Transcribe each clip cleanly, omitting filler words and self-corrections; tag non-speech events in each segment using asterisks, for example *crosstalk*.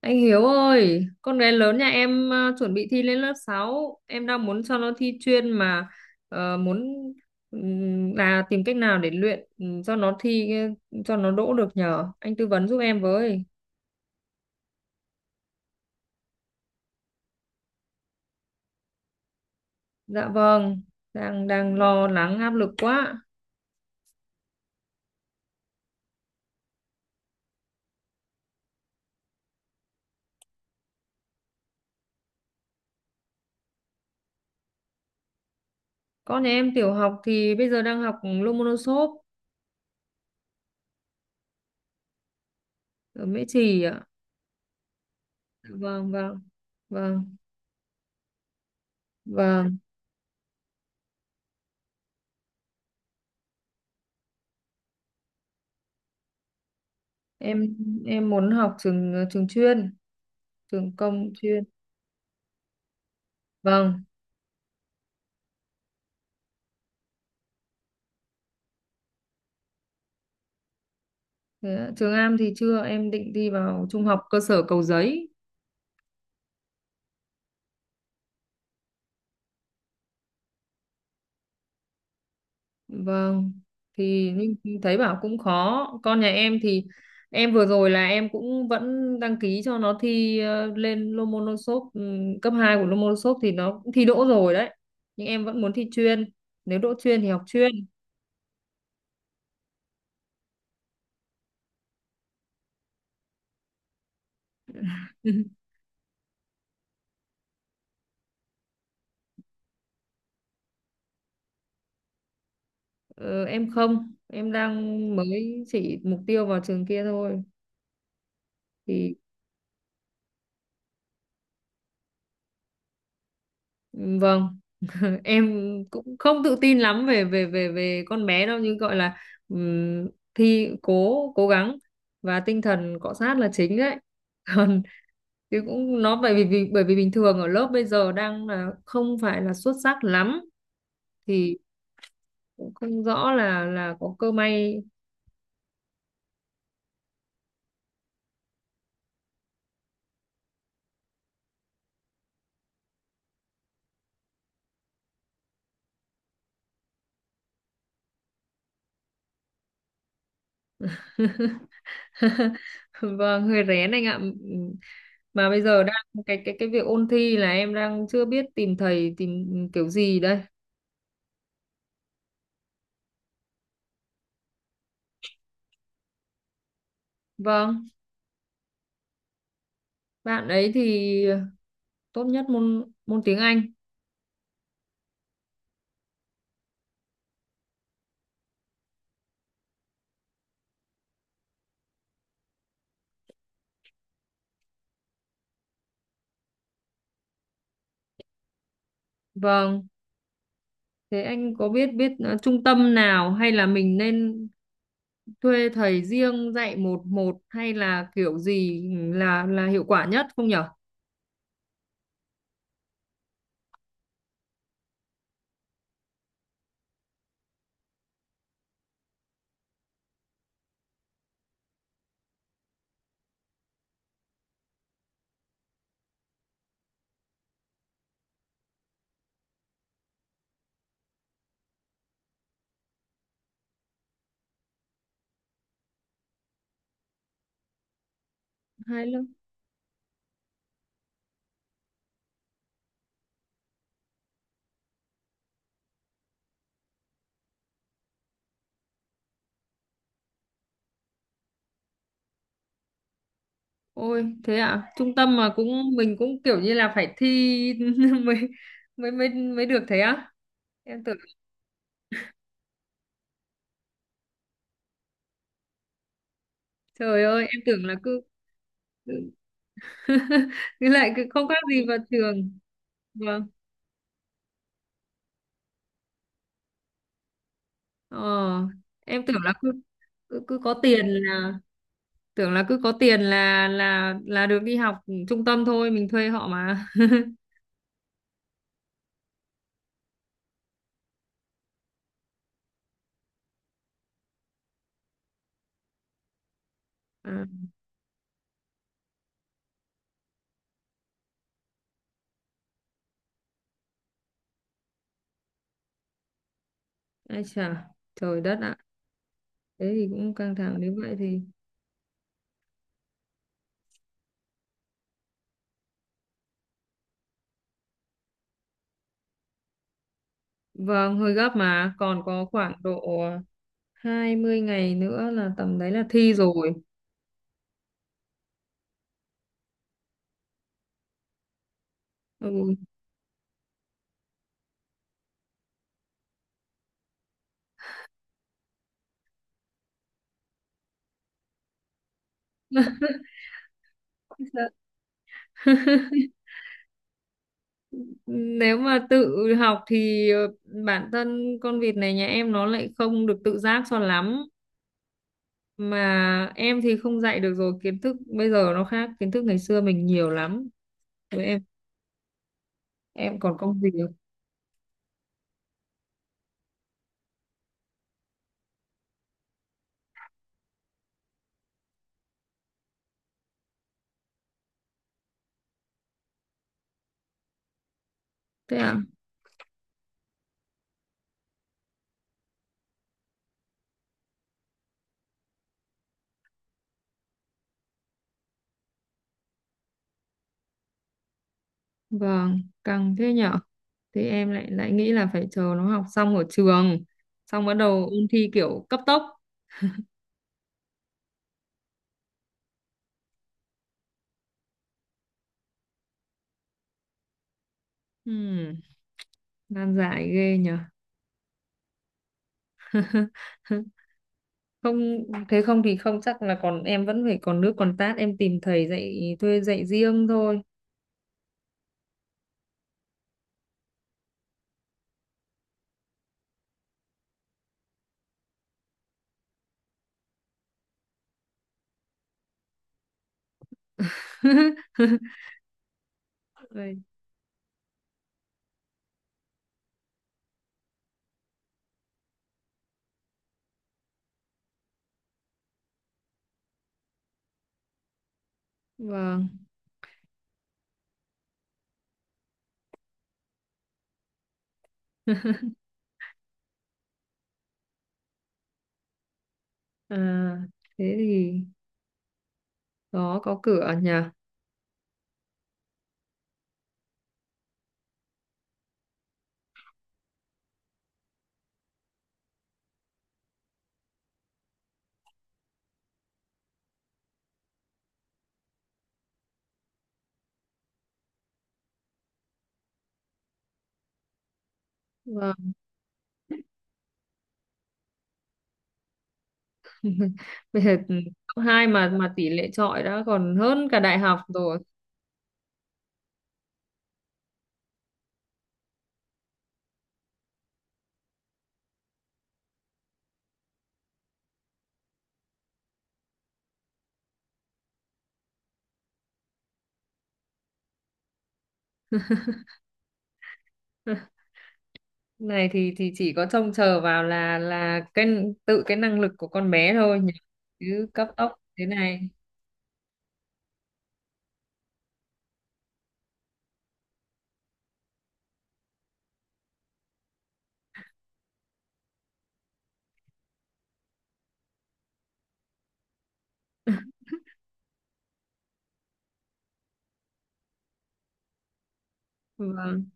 Anh Hiếu ơi, con gái lớn nhà em chuẩn bị thi lên lớp sáu. Em đang muốn cho nó thi chuyên mà muốn, là tìm cách nào để luyện, cho nó thi, cho nó đỗ được nhờ. Anh tư vấn giúp em với. Dạ vâng, đang đang lo lắng áp lực quá. Con nhà em tiểu học thì bây giờ đang học Lomonosov ở Mễ Trì ạ. Vâng, vâng. Vâng, vâng, em em muốn học trường, trường chuyên, trường công chuyên. Vâng. Thế ạ, trường Am thì chưa, em định đi vào trung học cơ sở Cầu Giấy. Vâng, thì nhưng thấy bảo cũng khó. Con nhà em thì em vừa rồi là em cũng vẫn đăng ký cho nó thi, lên Lomonosov, cấp 2 của Lomonosov thì nó cũng thi đỗ rồi đấy, nhưng em vẫn muốn thi chuyên. Nếu đỗ chuyên thì học chuyên. *laughs* Ờ, em không, em đang mới chỉ mục tiêu vào trường kia thôi. Thì ừ, vâng. *laughs* Em cũng không tự tin lắm về về về về con bé đâu, nhưng gọi là, ừm, thi cố cố gắng và tinh thần cọ sát là chính đấy. *laughs* Còn chứ cũng nó, bởi vì bình thường ở lớp bây giờ đang là không phải là xuất sắc lắm, thì cũng không rõ là có cơ may. *laughs* Vâng, hơi rén anh ạ. Mà bây giờ đang cái việc ôn thi là em đang chưa biết tìm thầy, tìm kiểu gì đây. Vâng, bạn ấy thì tốt nhất môn môn tiếng Anh. Vâng, thế anh có biết biết trung tâm nào, hay là mình nên thuê thầy riêng dạy một một, hay là kiểu gì là hiệu quả nhất không nhở? Hay lắm. Ôi, thế ạ, trung tâm mà cũng mình cũng kiểu như là phải thi *laughs* mới mới mới mới được thế á? Em tưởng, trời ơi, em tưởng là cứ cứ *laughs* cứ lại cứ không khác gì vào trường. Vâng. Ờ, em tưởng là cứ cứ, cứ có tiền là, tưởng là cứ có tiền là được đi học trung tâm, thôi mình thuê họ mà. *laughs* à, ai chà, trời đất ạ, thế thì cũng căng thẳng. Nếu vậy thì, vâng, hơi gấp mà còn có khoảng độ 20 ngày nữa là tầm đấy là thi rồi. Ừ. *laughs* Nếu mà tự học thì, bản thân con vịt này nhà em nó lại không được tự giác cho lắm, mà em thì không dạy được rồi, kiến thức bây giờ nó khác kiến thức ngày xưa mình nhiều lắm, với em còn công việc. Thế ạ. Vâng, căng thế nhở, thì em lại lại nghĩ là phải chờ nó học xong ở trường, xong bắt đầu ôn thi kiểu cấp tốc. Ừm, nan giải ghê nhở. *laughs* Không, thế không thì không chắc là còn, em vẫn phải còn nước còn tát, em tìm thầy dạy, thuê dạy riêng thôi. *laughs* Vậy, vâng, à, thế thì đó có cửa nhỉ. Vâng. *laughs* Bây giờ cấp hai mà tỷ lệ chọi đã còn hơn cả đại học rồi. *laughs* Này thì chỉ có trông chờ vào là cái tự cái năng lực của con bé thôi nhỉ, chứ cấp tốc thế này. Vâng,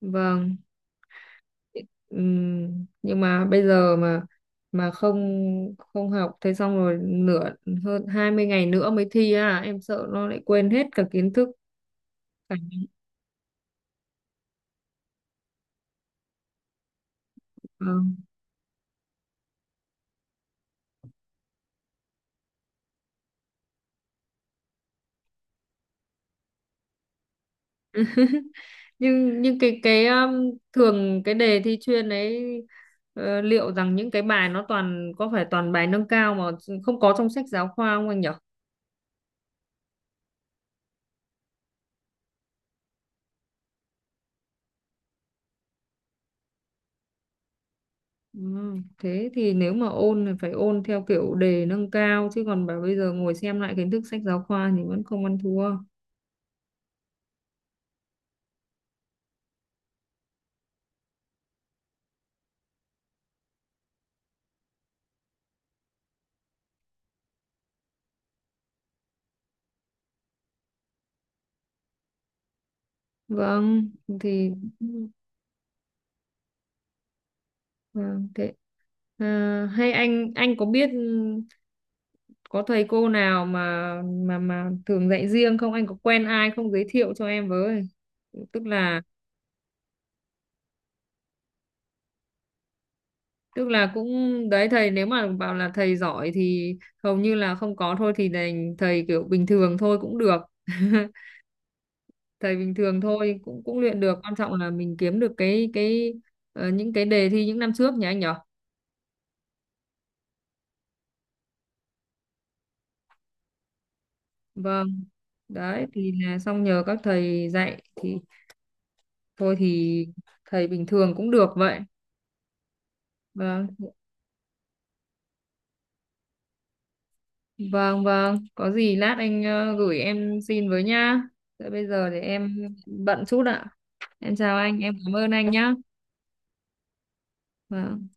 vâng. Nhưng mà bây giờ mà không không học, thế xong rồi nửa, hơn 20 ngày nữa mới thi, à em sợ nó lại quên hết cả kiến thức cả. Vâng. *laughs* Nhưng cái thường cái đề thi chuyên ấy, liệu rằng những cái bài nó toàn, có phải toàn bài nâng cao mà không có trong sách giáo khoa không anh nhỉ? Ừ, thế thì nếu mà ôn thì phải ôn theo kiểu đề nâng cao, chứ còn bảo bây giờ ngồi xem lại kiến thức sách giáo khoa thì vẫn không ăn thua. Vâng, thì vâng thế. À, hay anh có biết có thầy cô nào mà mà thường dạy riêng không? Anh có quen ai không, giới thiệu cho em với? Tức là tức là cũng đấy, thầy nếu mà bảo là thầy giỏi thì hầu như là không có, thôi thì đành thầy kiểu bình thường thôi cũng được. *laughs* Thầy bình thường thôi cũng cũng luyện được, quan trọng là mình kiếm được cái những cái đề thi những năm trước nhỉ anh nhỉ. Vâng, đấy thì là xong nhờ các thầy dạy thì thôi thì thầy bình thường cũng được vậy. Vâng, vâng, vâng, có gì lát anh gửi em xin với nhá. Thế bây giờ để em bận chút ạ. Em chào anh, em cảm ơn anh nhá. Vâng.